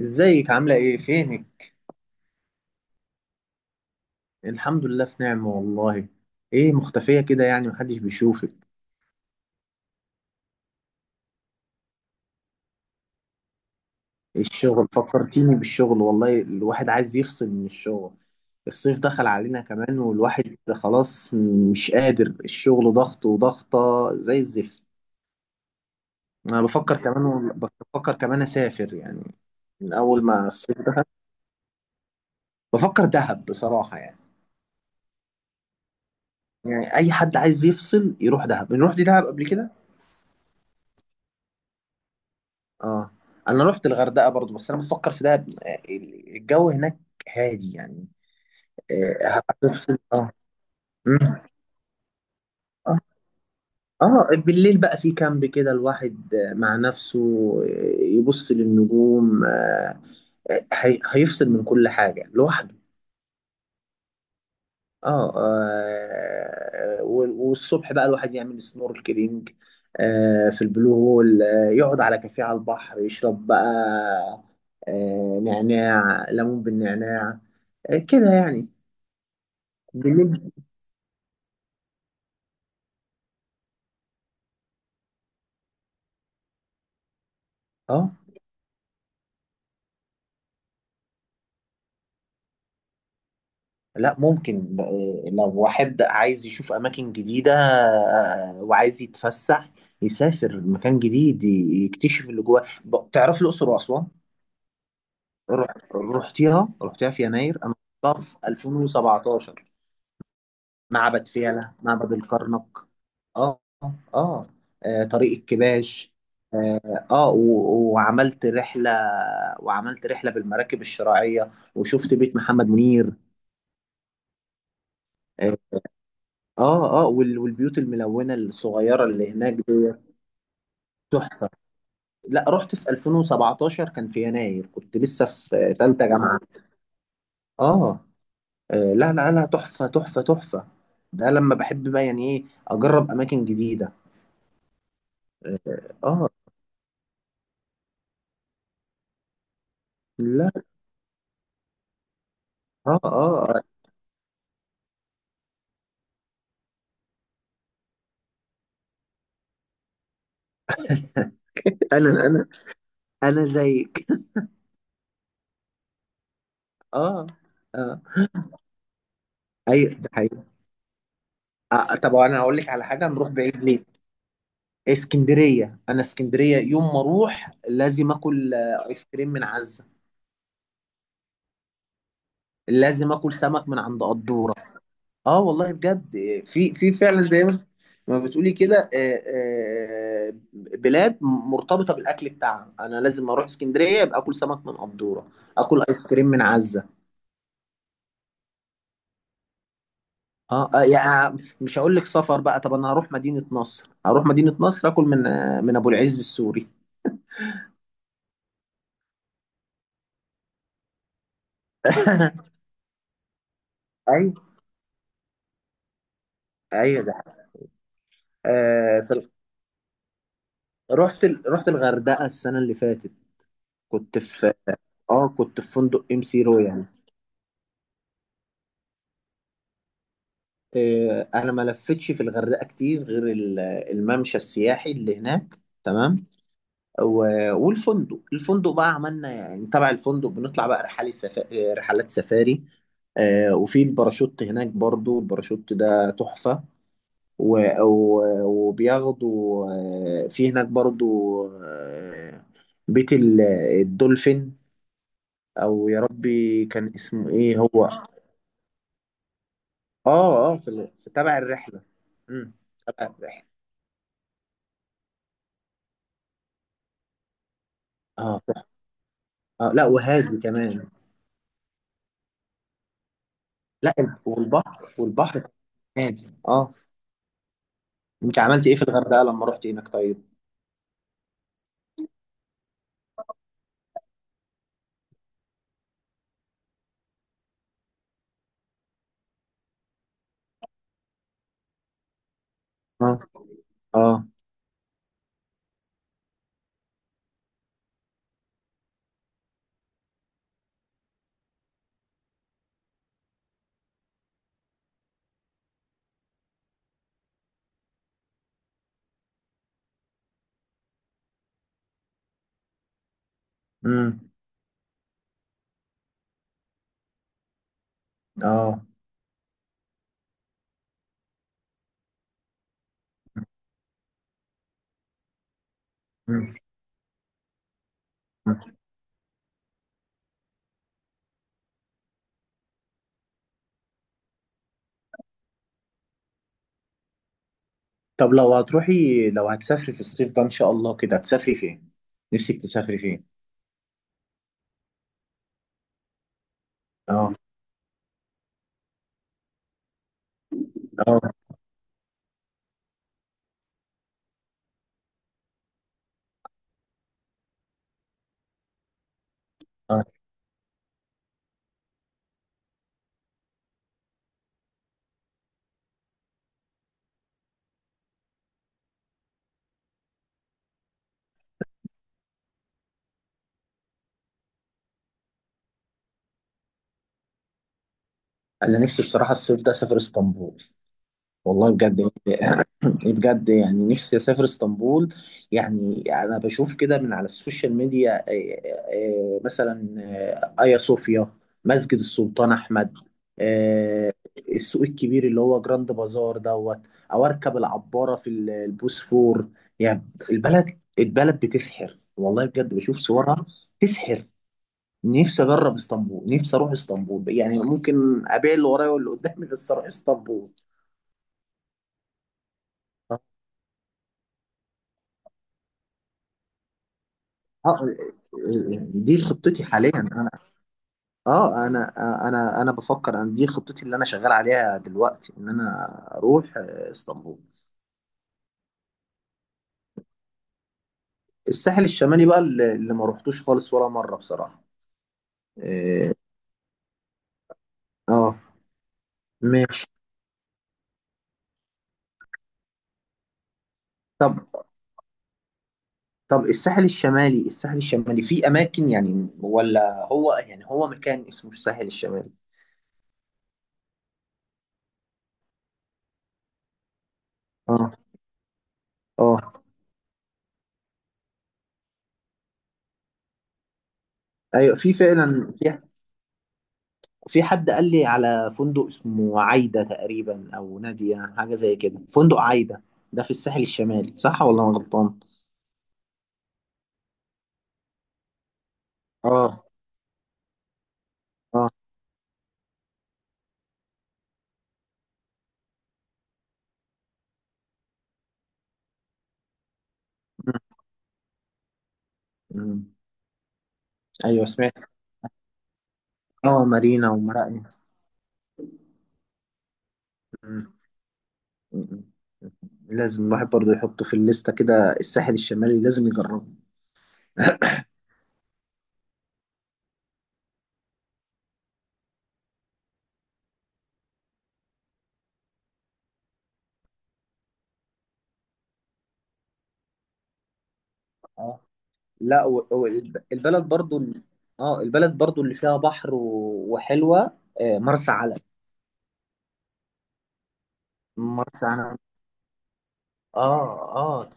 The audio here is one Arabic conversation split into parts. ازيك؟ عاملة ايه؟ فينك؟ الحمد لله في نعمة والله. ايه مختفية كده؟ يعني محدش بيشوفك. ايه الشغل؟ فكرتيني بالشغل والله. الواحد عايز يفصل من الشغل. الصيف دخل علينا كمان والواحد خلاص مش قادر. الشغل ضغط وضغطة زي الزفت. انا بفكر كمان، اسافر يعني من اول ما الصيف ده. بفكر دهب بصراحة يعني. يعني اي حد عايز يفصل يروح دهب. نروح دي دهب قبل كده؟ اه، انا رحت الغردقه برضو، بس انا بفكر في دهب. الجو هناك هادي يعني. هتفصل، اه. مم. اه. بالليل بقى في كامب كده الواحد مع نفسه، يبص للنجوم، هيفصل من كل حاجه لوحده. اه، والصبح بقى الواحد يعمل سنوركلينج في البلو هول، يقعد على كافيه على البحر يشرب بقى نعناع، ليمون بالنعناع، كده يعني. بالليل. اه، لا ممكن. لو واحد عايز يشوف اماكن جديدة وعايز يتفسح يسافر مكان جديد، يكتشف اللي جواه. تعرف الاقصر واسوان. رحتيها رحتيها في يناير انا. رحتها في 2017، معبد فيلة، معبد الكرنك. اه، اه، طريق الكباش. اه، وعملت رحلة، وعملت رحلة بالمراكب الشراعية، وشفت بيت محمد منير. اه، اه، والبيوت الملونة الصغيرة اللي هناك دي تحفة. لا، رحت في 2017، كان في يناير، كنت لسه في ثالثة جامعة. اه، لا لا لا، تحفة تحفة تحفة. ده لما بحب بقى يعني، ايه، اجرب اماكن جديدة. اه. لا. اه، اه، انا انا زيك. اه، اه، ايوه ده حقيقي. آه، طب انا اقول لك على حاجه، نروح بعيد ليه؟ اسكندريه. انا اسكندريه يوم ما اروح لازم اكل ايس كريم من عزه. لازم اكل سمك من عند قدوره. اه والله بجد، في فعلا زي ما ما بتقولي كده. بلاد مرتبطه بالاكل بتاعها. انا لازم اروح اسكندريه يبقى اكل سمك من قدوره، اكل ايس كريم من عزه. اه، يعني مش هقول لك سفر بقى. طب انا هروح مدينة نصر، هروح مدينة نصر اكل من من ابو العز السوري. ايوه ايوه ده. آه في- رحت رحت الغردقة السنة اللي فاتت. كنت في، اه، كنت في فندق ام سي رويال. انا ما لفتش في الغردقة كتير غير الممشى السياحي اللي هناك. تمام. و... والفندق، الفندق بقى عملنا يعني تبع الفندق بنطلع بقى رحلة سفا... آه، رحلات سفاري. آه، وفي الباراشوت هناك برضو، الباراشوت ده تحفة. وبياخدوا، في هناك برضو، آه، بيت الدولفين. او يا ربي كان اسمه ايه هو؟ اه، اه، في، في تبع الرحله. امم تبع الرحله. اه، اه، لا وهادي كمان. لا والبحر، والبحر كان هادي، اه. انت عملت ايه في الغردقه لما رحت هناك طيب؟ اه، اه. امم اه. مم. طب لو هتروحي، لو هتسافري في الصيف ده ان شاء الله كده هتسافري فين؟ نفسك تسافري فين؟ اه، اه، اه، انا نفسي بصراحه الصيف ده اسافر اسطنبول. والله بجد يعني، بجد يعني، نفسي اسافر اسطنبول. يعني انا بشوف كده من على السوشيال ميديا، مثلا ايا صوفيا، مسجد السلطان احمد، آه، السوق الكبير اللي هو جراند بازار دوت، او اركب العباره في البوسفور. يعني البلد، بتسحر والله. بجد بشوف صورها تسحر. نفسي اجرب اسطنبول، نفسي اروح اسطنبول. يعني ممكن ابيع اللي ورايا واللي قدامي بس اروح اسطنبول. اه، دي خطتي حاليا انا. اه، انا، انا بفكر ان دي خطتي اللي انا شغال عليها دلوقتي، ان انا اروح اسطنبول. الساحل الشمالي بقى، اللي ما روحتوش خالص ولا مرة بصراحة. اه، آه، ماشي. طب، الساحل الشمالي في اماكن يعني، ولا هو يعني هو مكان اسمه الساحل الشمالي؟ اه، اه، ايوه في فعلا في. في حد قال لي على فندق اسمه عايدة تقريبا أو نادية، حاجة زي كده، فندق عايدة. ده في الساحل الشمالي صح ولا أنا غلطان؟ اه، اه، م- م. أيوه سمعت. اه، مارينا ومراقية. م- م. لازم الواحد برضه يحطه في الليستة كده، الساحل الشمالي لازم يجربه. اه، لا البلد برضه اه البلد برضه اللي فيها بحر وحلوة. مرسى علم. مرسى علم. اه، اه،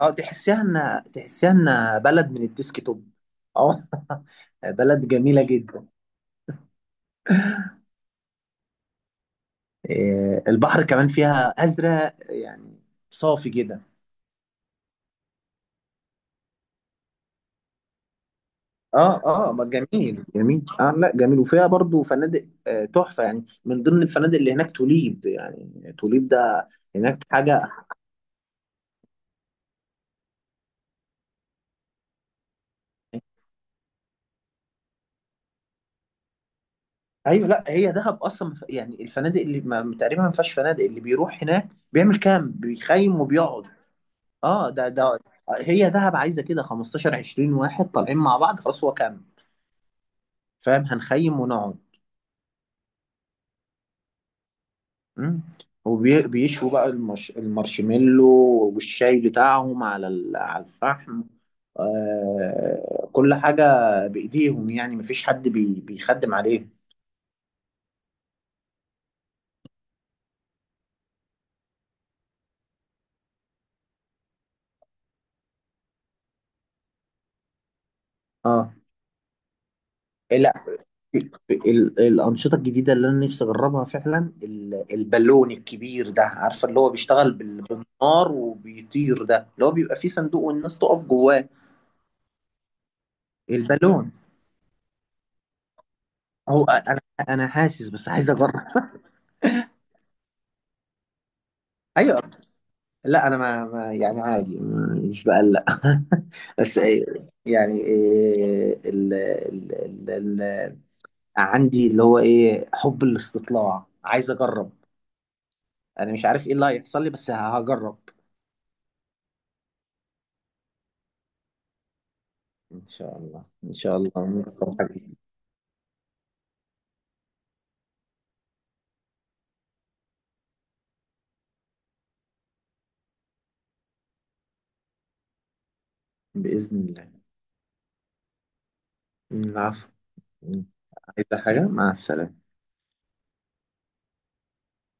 اه، تحسيها تحسيها ان بلد من الديسك توب. اه. بلد جميله جدا. إيه، البحر كمان فيها ازرق يعني، صافي جدا. اه، اه، ما جميل جميل. اه، لا جميل، وفيها برضو فنادق تحفه يعني. من ضمن الفنادق اللي هناك توليب، يعني توليب ده هناك حاجه. ايوه لا، هي دهب اصلا ما يعني الفنادق اللي ما، تقريبا ما فيهاش فنادق. اللي بيروح هناك بيعمل كامب، بيخيم وبيقعد. اه، ده هي دهب عايزه كده 15، 20 واحد طالعين مع بعض، خلاص هو كام؟ فاهم؟ هنخيم ونقعد. مم. وبيشوا بقى المارشميلو، والشاي بتاعهم على على الفحم، كل حاجه بايديهم يعني، مفيش حد بيخدم عليهم. اه، لا الانشطه الجديده اللي انا نفسي اجربها فعلا، البالون الكبير ده، عارفه اللي هو بيشتغل بالنار وبيطير، ده اللي هو بيبقى فيه صندوق والناس تقف جواه. البالون. هو انا، انا حاسس بس عايز اجرب. ايوه لا، انا ما, ما يعني عادي، مش بقلق. بس إيه، يعني إيه ال ال ال ال عندي اللي هو ايه، حب الاستطلاع، عايز اجرب. انا مش عارف ايه اللي هيحصل لي، بس هجرب. ان شاء الله، ان شاء الله. نجرب حبيبي. باذن الله. العفو. عايزه حاجه؟ مع السلامه.